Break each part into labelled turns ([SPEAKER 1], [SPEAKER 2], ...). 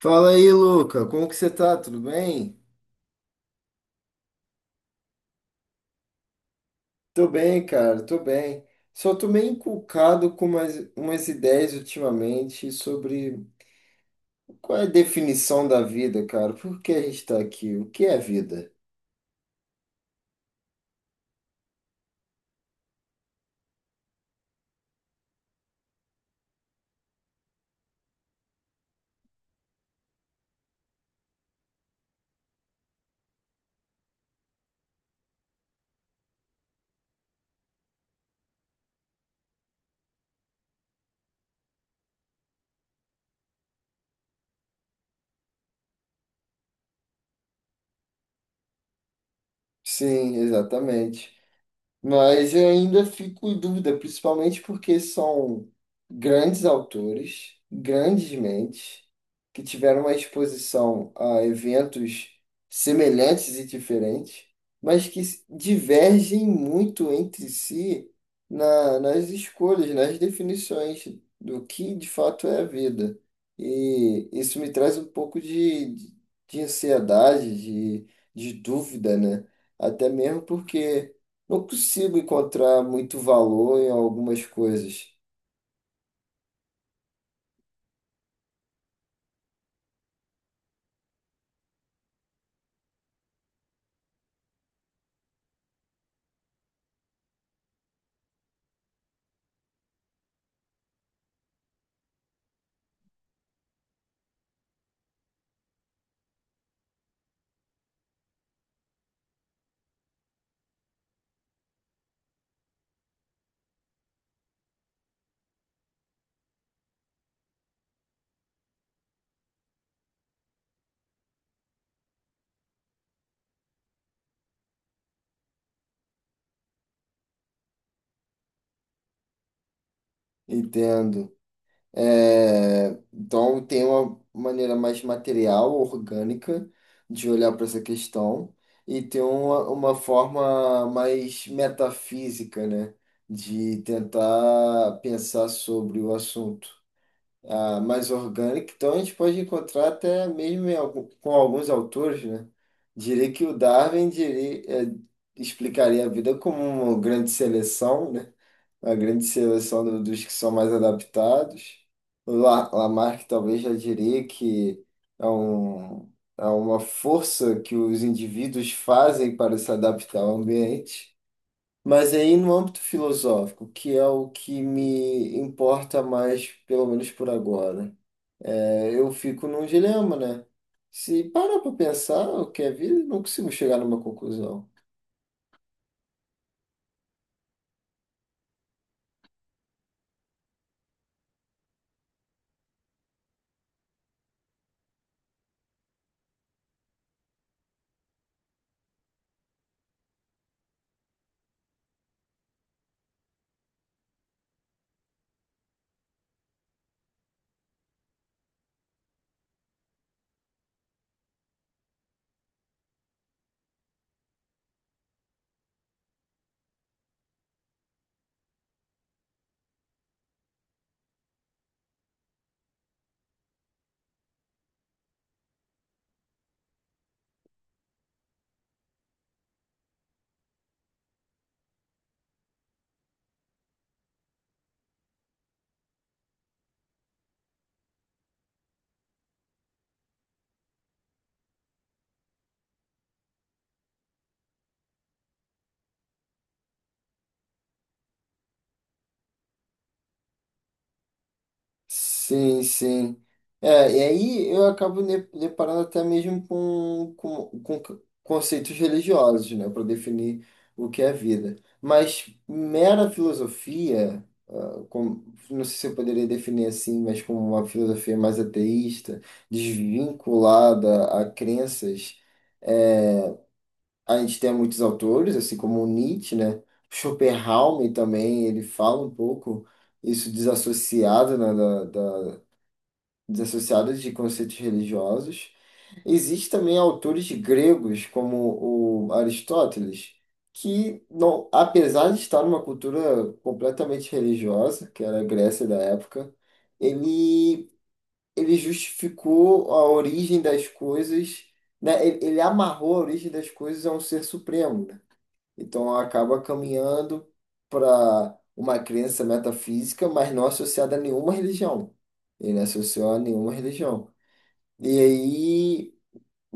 [SPEAKER 1] Fala aí, Luca. Como que você tá? Tudo bem? Tô bem, cara, tô bem. Só tô meio inculcado com umas ideias ultimamente sobre qual é a definição da vida, cara. Por que a gente tá aqui? O que é vida? Sim, exatamente. Mas eu ainda fico em dúvida, principalmente porque são grandes autores, grandes mentes, que tiveram uma exposição a eventos semelhantes e diferentes, mas que divergem muito entre si nas escolhas, nas definições do que de fato é a vida. E isso me traz um pouco de ansiedade, de dúvida, né? Até mesmo porque não consigo encontrar muito valor em algumas coisas. Entendo. É, então, tem uma maneira mais material, orgânica, de olhar para essa questão, e tem uma forma mais metafísica, né, de tentar pensar sobre o assunto. Mais orgânica, então a gente pode encontrar até mesmo em com alguns autores, né? Diria que o Darwin diria, explicaria a vida como uma grande seleção, né? A grande seleção dos que são mais adaptados. O Lamarck talvez já diria que é, um, é uma força que os indivíduos fazem para se adaptar ao ambiente. Mas aí no âmbito filosófico, que é o que me importa mais, pelo menos por agora, né? Eu fico num dilema, né? Se parar para pensar o que é vida, não consigo chegar numa conclusão. Sim, sim. É, e aí eu acabo me deparando até mesmo com conceitos religiosos, né, para definir o que é vida. Mas mera filosofia, ah, com- não sei se eu poderia definir assim, mas como uma filosofia mais ateísta, desvinculada a crenças. A gente tem muitos autores, assim como o Nietzsche, né? Schopenhauer também, ele fala um pouco isso desassociado, né, desassociado de conceitos religiosos. Existem também autores gregos, como o Aristóteles, que, não, apesar de estar numa cultura completamente religiosa, que era a Grécia da época, ele, ele justificou a origem das coisas, né? Ele amarrou a origem das coisas a um ser supremo, né? Então acaba caminhando para uma crença metafísica, mas não associada a nenhuma religião. Ele associou a nenhuma religião. E aí.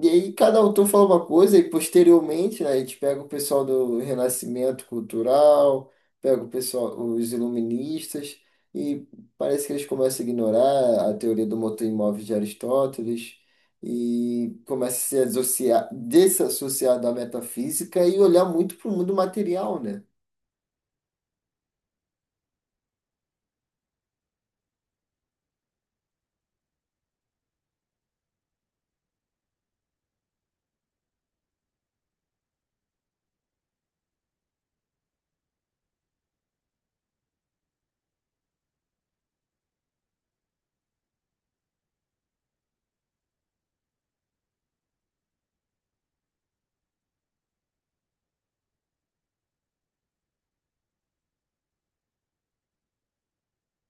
[SPEAKER 1] E aí cada autor fala uma coisa e posteriormente, né, a gente pega o pessoal do Renascimento Cultural, pega o pessoal, os iluministas, e parece que eles começam a ignorar a teoria do motor imóvel de Aristóteles e começa a se associar, desassociar da metafísica e olhar muito para o mundo material, né?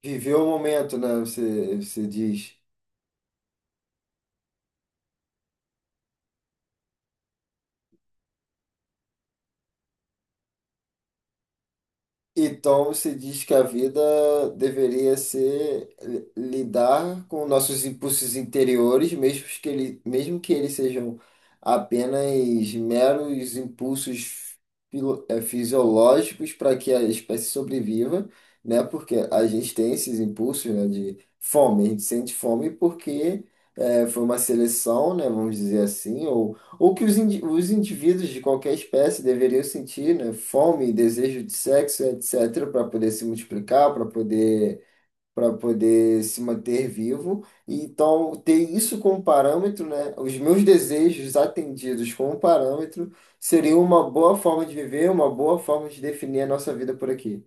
[SPEAKER 1] Viver o momento, né? Você diz. Então você diz que a vida deveria ser lidar com nossos impulsos interiores, mesmo que eles sejam apenas meros impulsos fisiológicos para que a espécie sobreviva, né? Porque a gente tem esses impulsos, né, de fome, a gente sente fome porque foi uma seleção, né, vamos dizer assim, ou que os indivíduos de qualquer espécie deveriam sentir, né? Fome, desejo de sexo, etc., para poder se multiplicar, para poder se manter vivo. E, então, ter isso como parâmetro, né? Os meus desejos atendidos como parâmetro seria uma boa forma de viver, uma boa forma de definir a nossa vida por aqui.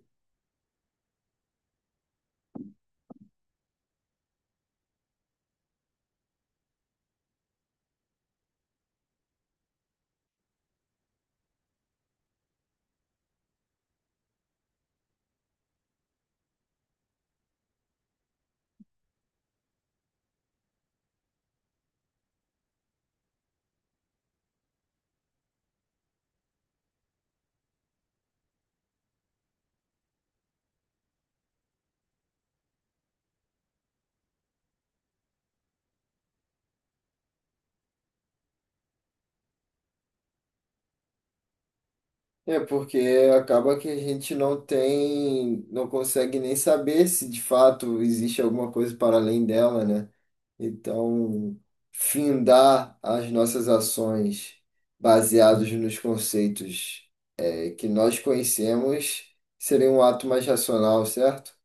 [SPEAKER 1] É porque acaba que a gente não tem, não consegue nem saber se de fato existe alguma coisa para além dela, né? Então, findar as nossas ações baseados nos conceitos que nós conhecemos seria um ato mais racional, certo?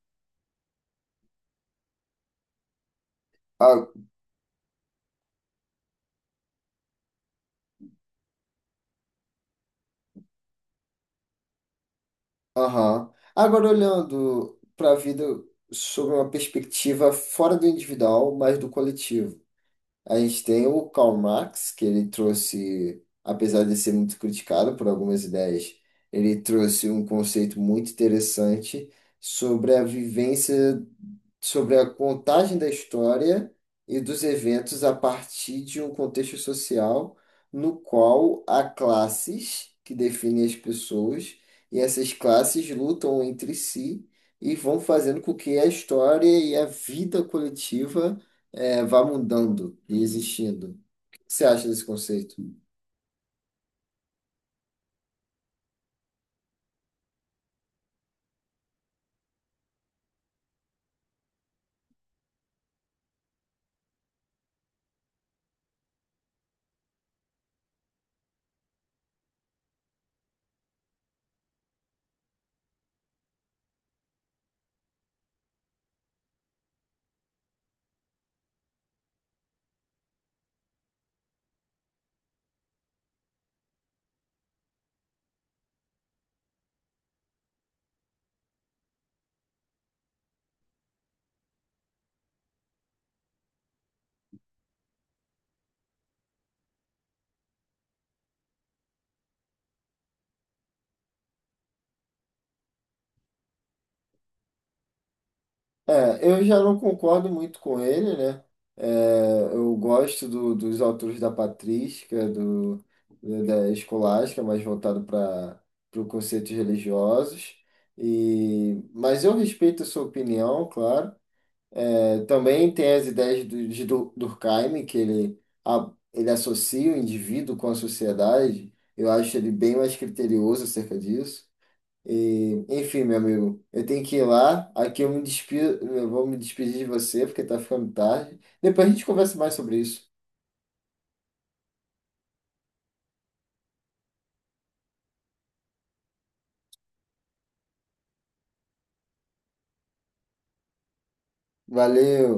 [SPEAKER 1] Ah, Aham. Agora, olhando para a vida sob uma perspectiva fora do individual, mas do coletivo. A gente tem o Karl Marx, que ele trouxe, apesar de ser muito criticado por algumas ideias, ele trouxe um conceito muito interessante sobre a vivência, sobre a contagem da história e dos eventos a partir de um contexto social no qual há classes que definem as pessoas e essas classes lutam entre si e vão fazendo com que a história e a vida coletiva, vá mudando e existindo. O que você acha desse conceito? É, eu já não concordo muito com ele, né? É, eu gosto dos autores da patrística, da escolástica, mais voltado para os conceitos religiosos. E, mas eu respeito a sua opinião, claro. É, também tem as ideias de Durkheim, que ele associa o indivíduo com a sociedade. Eu acho ele bem mais criterioso acerca disso. E, enfim, meu amigo, eu tenho que ir lá. Aqui eu vou me despedir de você, porque tá ficando tarde. Depois a gente conversa mais sobre isso. Valeu!